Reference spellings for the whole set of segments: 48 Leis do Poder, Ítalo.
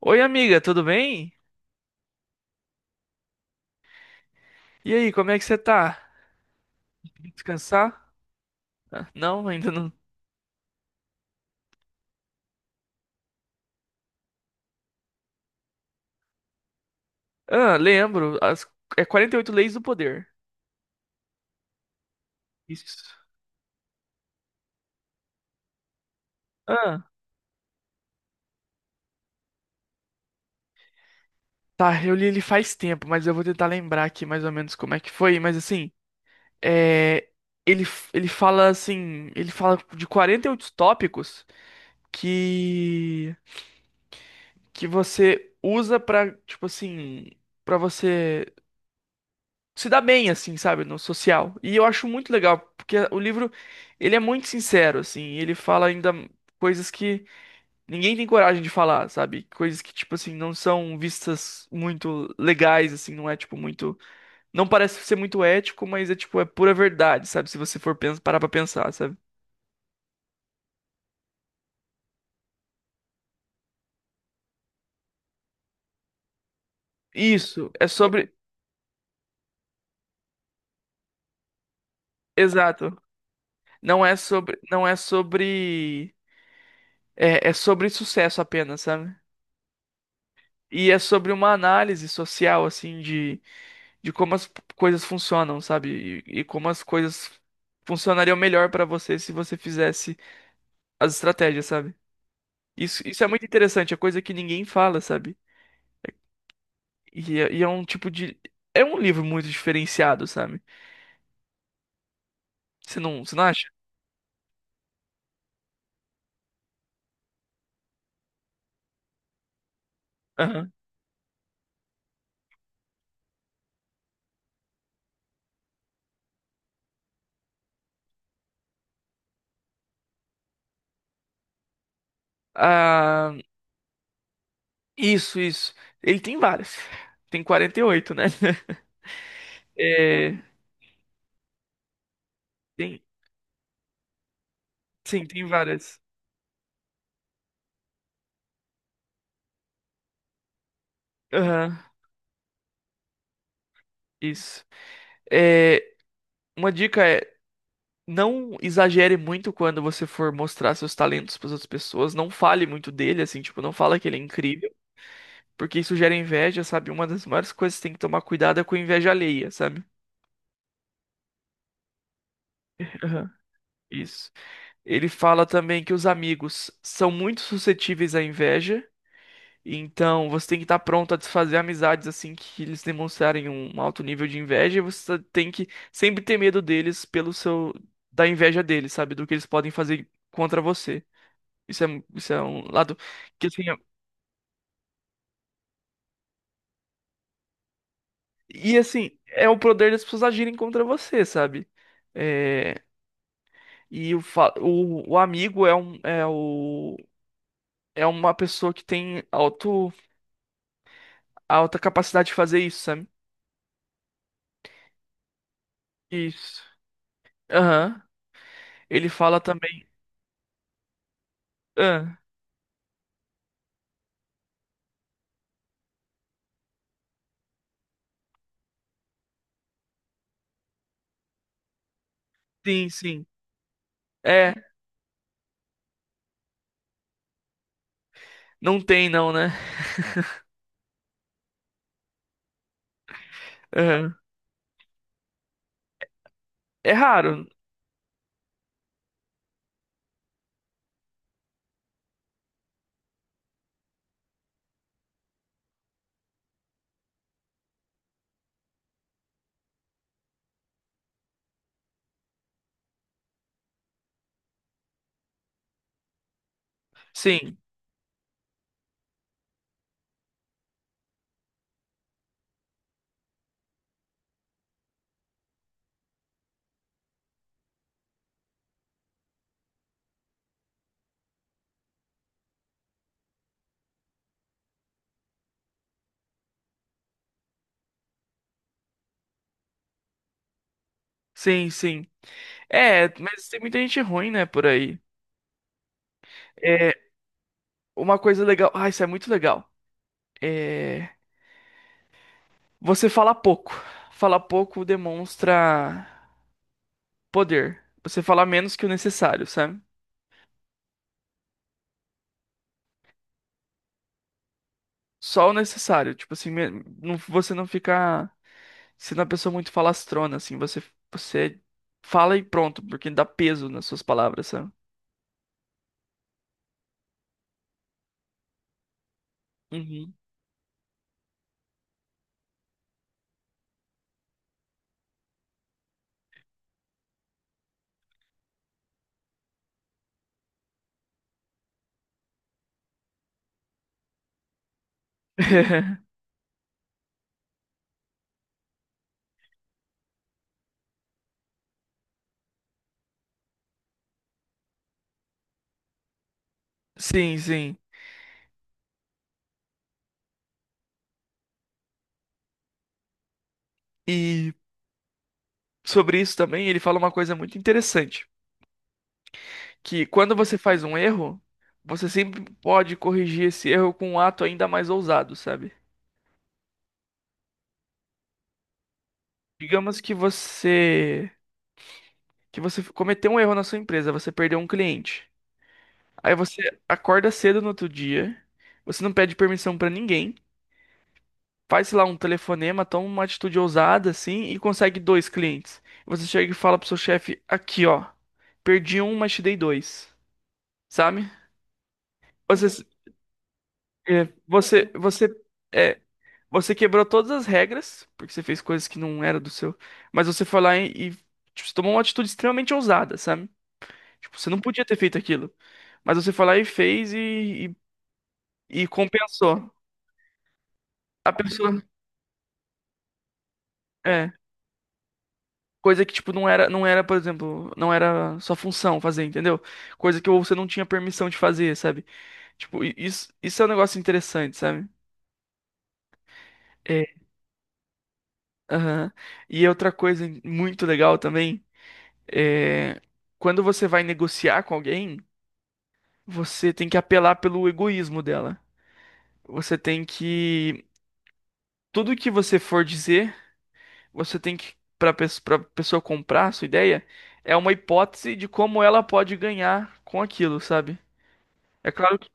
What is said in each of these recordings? Oi, amiga, tudo bem? E aí, como é que você tá? Descansar? Não, ainda não. Ah, lembro. As... É 48 Leis do Poder. Isso. Ah, tá, eu li ele faz tempo, mas eu vou tentar lembrar aqui mais ou menos como é que foi. Mas assim, é... ele, ele fala assim: ele fala de 48 tópicos que, que você usa pra, tipo assim, pra você se dá bem, assim, sabe, no social. E eu acho muito legal, porque o livro, ele é muito sincero, assim, e ele fala ainda coisas que ninguém tem coragem de falar, sabe? Coisas que, tipo assim, não são vistas muito legais, assim, não é, tipo, muito... Não parece ser muito ético, mas é, tipo, é pura verdade, sabe? Se você for parar pra pensar, sabe? Isso, é sobre... Exato. Não é sobre... Não é sobre... É, é sobre sucesso apenas, sabe? E é sobre uma análise social, assim, de como as coisas funcionam, sabe? E como as coisas funcionariam melhor pra você se você fizesse as estratégias, sabe? Isso é muito interessante, é coisa que ninguém fala, sabe? E é um tipo de. É um livro muito diferenciado, sabe? Você não acha? Aham. Ah, isso. Ele tem várias. Tem 48, né? É, tem, sim, tem várias. Aham, isso. É, uma dica é. Não exagere muito quando você for mostrar seus talentos para outras pessoas, não fale muito dele, assim, tipo, não fala que ele é incrível, porque isso gera inveja, sabe? Uma das maiores coisas que tem que tomar cuidado é com a inveja alheia, sabe? Aham. Isso. Ele fala também que os amigos são muito suscetíveis à inveja, então você tem que estar pronto a desfazer amizades assim que eles demonstrarem um alto nível de inveja, e você tem que sempre ter medo deles pelo seu da inveja deles, sabe? Do que eles podem fazer contra você. Isso é, isso é um lado que assim, e assim, é o poder das pessoas agirem contra você, sabe? É, e o amigo é o é uma pessoa que tem alto alta capacidade de fazer isso, sabe? Isso. Aham. Ele fala também. Ah, sim, sim. É, não tem não, né? Aham. É raro. Sim. Sim, sim. É, mas tem muita gente ruim, né, por aí. É, uma coisa legal. Ah, isso é muito legal. É, você fala pouco. Falar pouco demonstra poder. Você fala menos que o necessário, sabe? Só o necessário. Tipo assim, você não fica sendo uma pessoa muito falastrona, assim. Você fala e pronto, porque dá peso nas suas palavras, sabe? Uhum. Sim, sim. E sobre isso também, ele fala uma coisa muito interessante, que quando você faz um erro, você sempre pode corrigir esse erro com um ato ainda mais ousado, sabe? Digamos que você cometeu um erro na sua empresa, você perdeu um cliente. Aí você acorda cedo no outro dia, você não pede permissão pra ninguém, faz sei lá um telefonema, toma uma atitude ousada assim e consegue dois clientes. Você chega e fala pro seu chefe: aqui ó, perdi um, mas te dei dois, sabe? Você, você, é, você quebrou todas as regras porque você fez coisas que não era do seu, mas você foi lá e tipo, você tomou uma atitude extremamente ousada, sabe? Tipo, você não podia ter feito aquilo. Mas você foi lá e fez e compensou. A pessoa. É. Coisa que, tipo, não era, por exemplo, não era sua função fazer, entendeu? Coisa que você não tinha permissão de fazer, sabe? Tipo, isso, isso é um negócio interessante, sabe? É. Aham. E outra coisa muito legal também é. Quando você vai negociar com alguém, você tem que apelar pelo egoísmo dela. Você tem que. Tudo que você for dizer. Você tem que para pessoa comprar a sua ideia é uma hipótese de como ela pode ganhar com aquilo, sabe? É claro que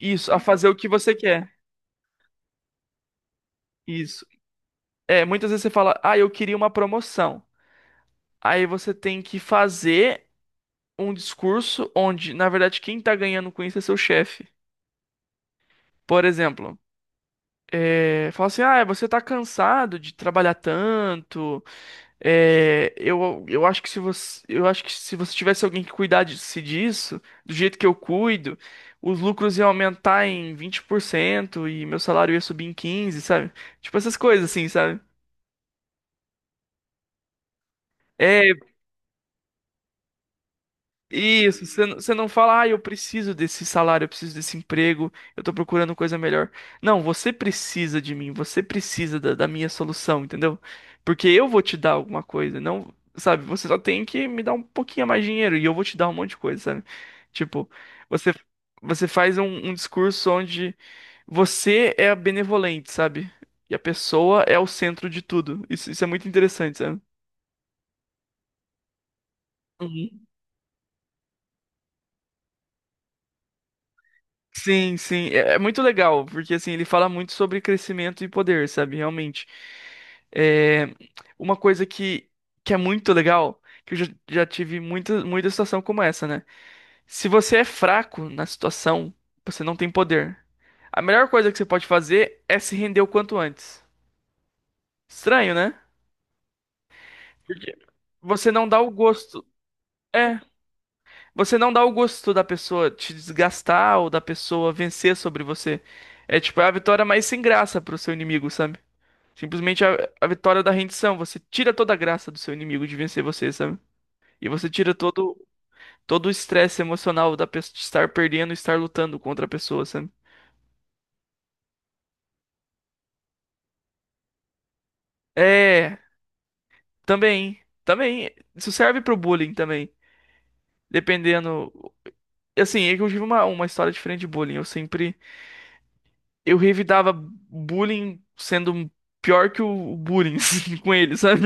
isso, a fazer o que você quer. Isso. É, muitas vezes você fala: "Ah, eu queria uma promoção". Aí você tem que fazer um discurso onde, na verdade, quem tá ganhando com isso é seu chefe. Por exemplo, é, fala assim: "Ah, você tá cansado de trabalhar tanto, é, eu acho que se eu acho que se você tivesse alguém que cuidasse disso, do jeito que eu cuido, os lucros iam aumentar em 20% e meu salário ia subir em 15, sabe? Tipo essas coisas assim, sabe? É, isso, você não fala, ah, eu preciso desse salário, eu preciso desse emprego, eu tô procurando coisa melhor. Não, você precisa de mim, você precisa da minha solução, entendeu? Porque eu vou te dar alguma coisa, não, sabe? Você só tem que me dar um pouquinho a mais de dinheiro e eu vou te dar um monte de coisa, sabe? Tipo, você, você faz um discurso onde você é a benevolente, sabe? E a pessoa é o centro de tudo. Isso é muito interessante, sabe? Sim, sim, é, é muito legal, porque assim, ele fala muito sobre crescimento e poder, sabe? Realmente. É, uma coisa que é muito legal, que eu já, já tive muita situação como essa, né? Se você é fraco na situação, você não tem poder. A melhor coisa que você pode fazer é se render o quanto antes. Estranho, né? Porque você não dá o gosto. É, você não dá o gosto da pessoa te desgastar ou da pessoa vencer sobre você. É tipo, é a vitória mais sem graça pro seu inimigo, sabe? Simplesmente a vitória da rendição. Você tira toda a graça do seu inimigo de vencer você, sabe? E você tira todo, todo o estresse emocional da pessoa de estar perdendo, e estar lutando contra a pessoa, sabe? É, também, também. Isso serve pro bullying também. Dependendo. Assim, é que eu tive uma história diferente de bullying. Eu sempre. Eu revidava bullying sendo pior que o bullying assim, com ele, sabe?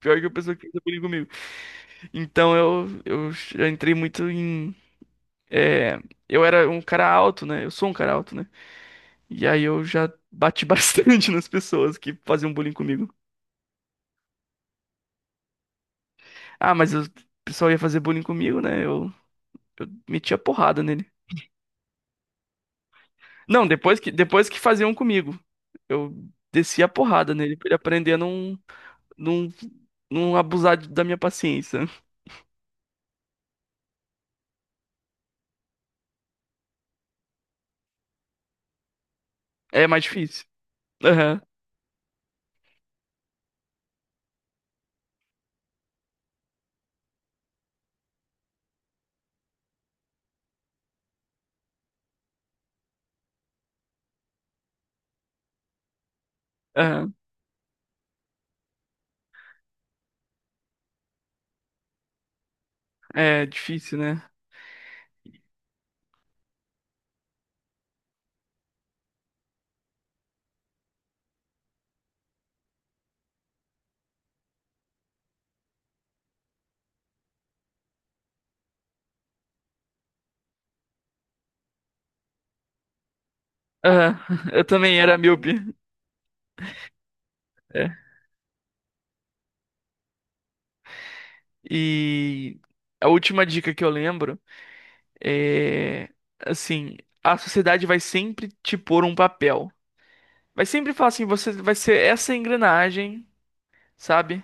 Pior que a pessoa que fez bullying comigo. Então eu já entrei muito em. É, eu era um cara alto, né? Eu sou um cara alto, né? E aí eu já bati bastante nas pessoas que faziam bullying comigo. Ah, mas o pessoal ia fazer bullying comigo, né? Eu metia porrada nele. Não, depois que faziam comigo, eu descia a porrada nele pra ele aprender a não, não, não abusar da minha paciência. É mais difícil. Aham, aham. É difícil, né? Aham, eu também era míope. É. E a última dica que eu lembro é assim, a sociedade vai sempre te pôr um papel. Vai sempre falar assim, você vai ser essa engrenagem, sabe?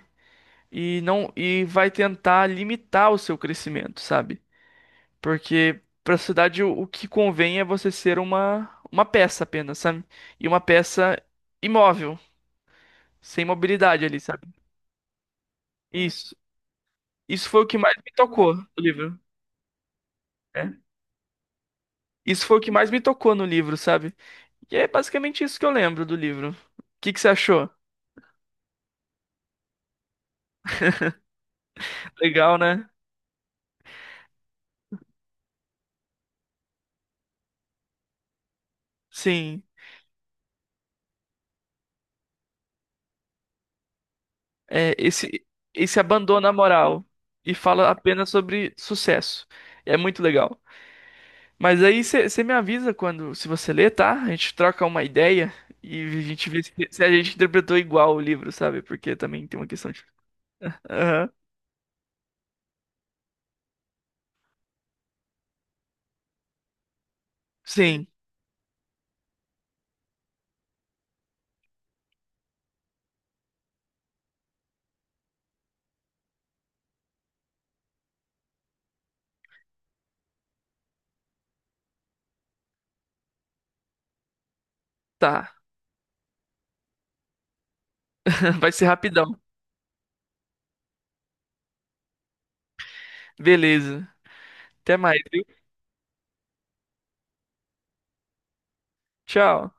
E não e vai tentar limitar o seu crescimento, sabe? Porque pra sociedade o que convém é você ser uma peça apenas, sabe? E uma peça imóvel, sem mobilidade ali, sabe? Isso. Isso foi o que mais me tocou no livro. É. Isso foi o que mais me tocou no livro, sabe? E é basicamente isso que eu lembro do livro. O que que você achou? Legal, né? Sim. É, esse abandona a moral e fala apenas sobre sucesso. É muito legal. Mas aí você me avisa quando, se você ler, tá? A gente troca uma ideia e a gente vê se a gente interpretou igual o livro, sabe? Porque também tem uma questão de. Aham. Sim, tá. Vai ser rapidão. Beleza. Até mais, viu? Tchau.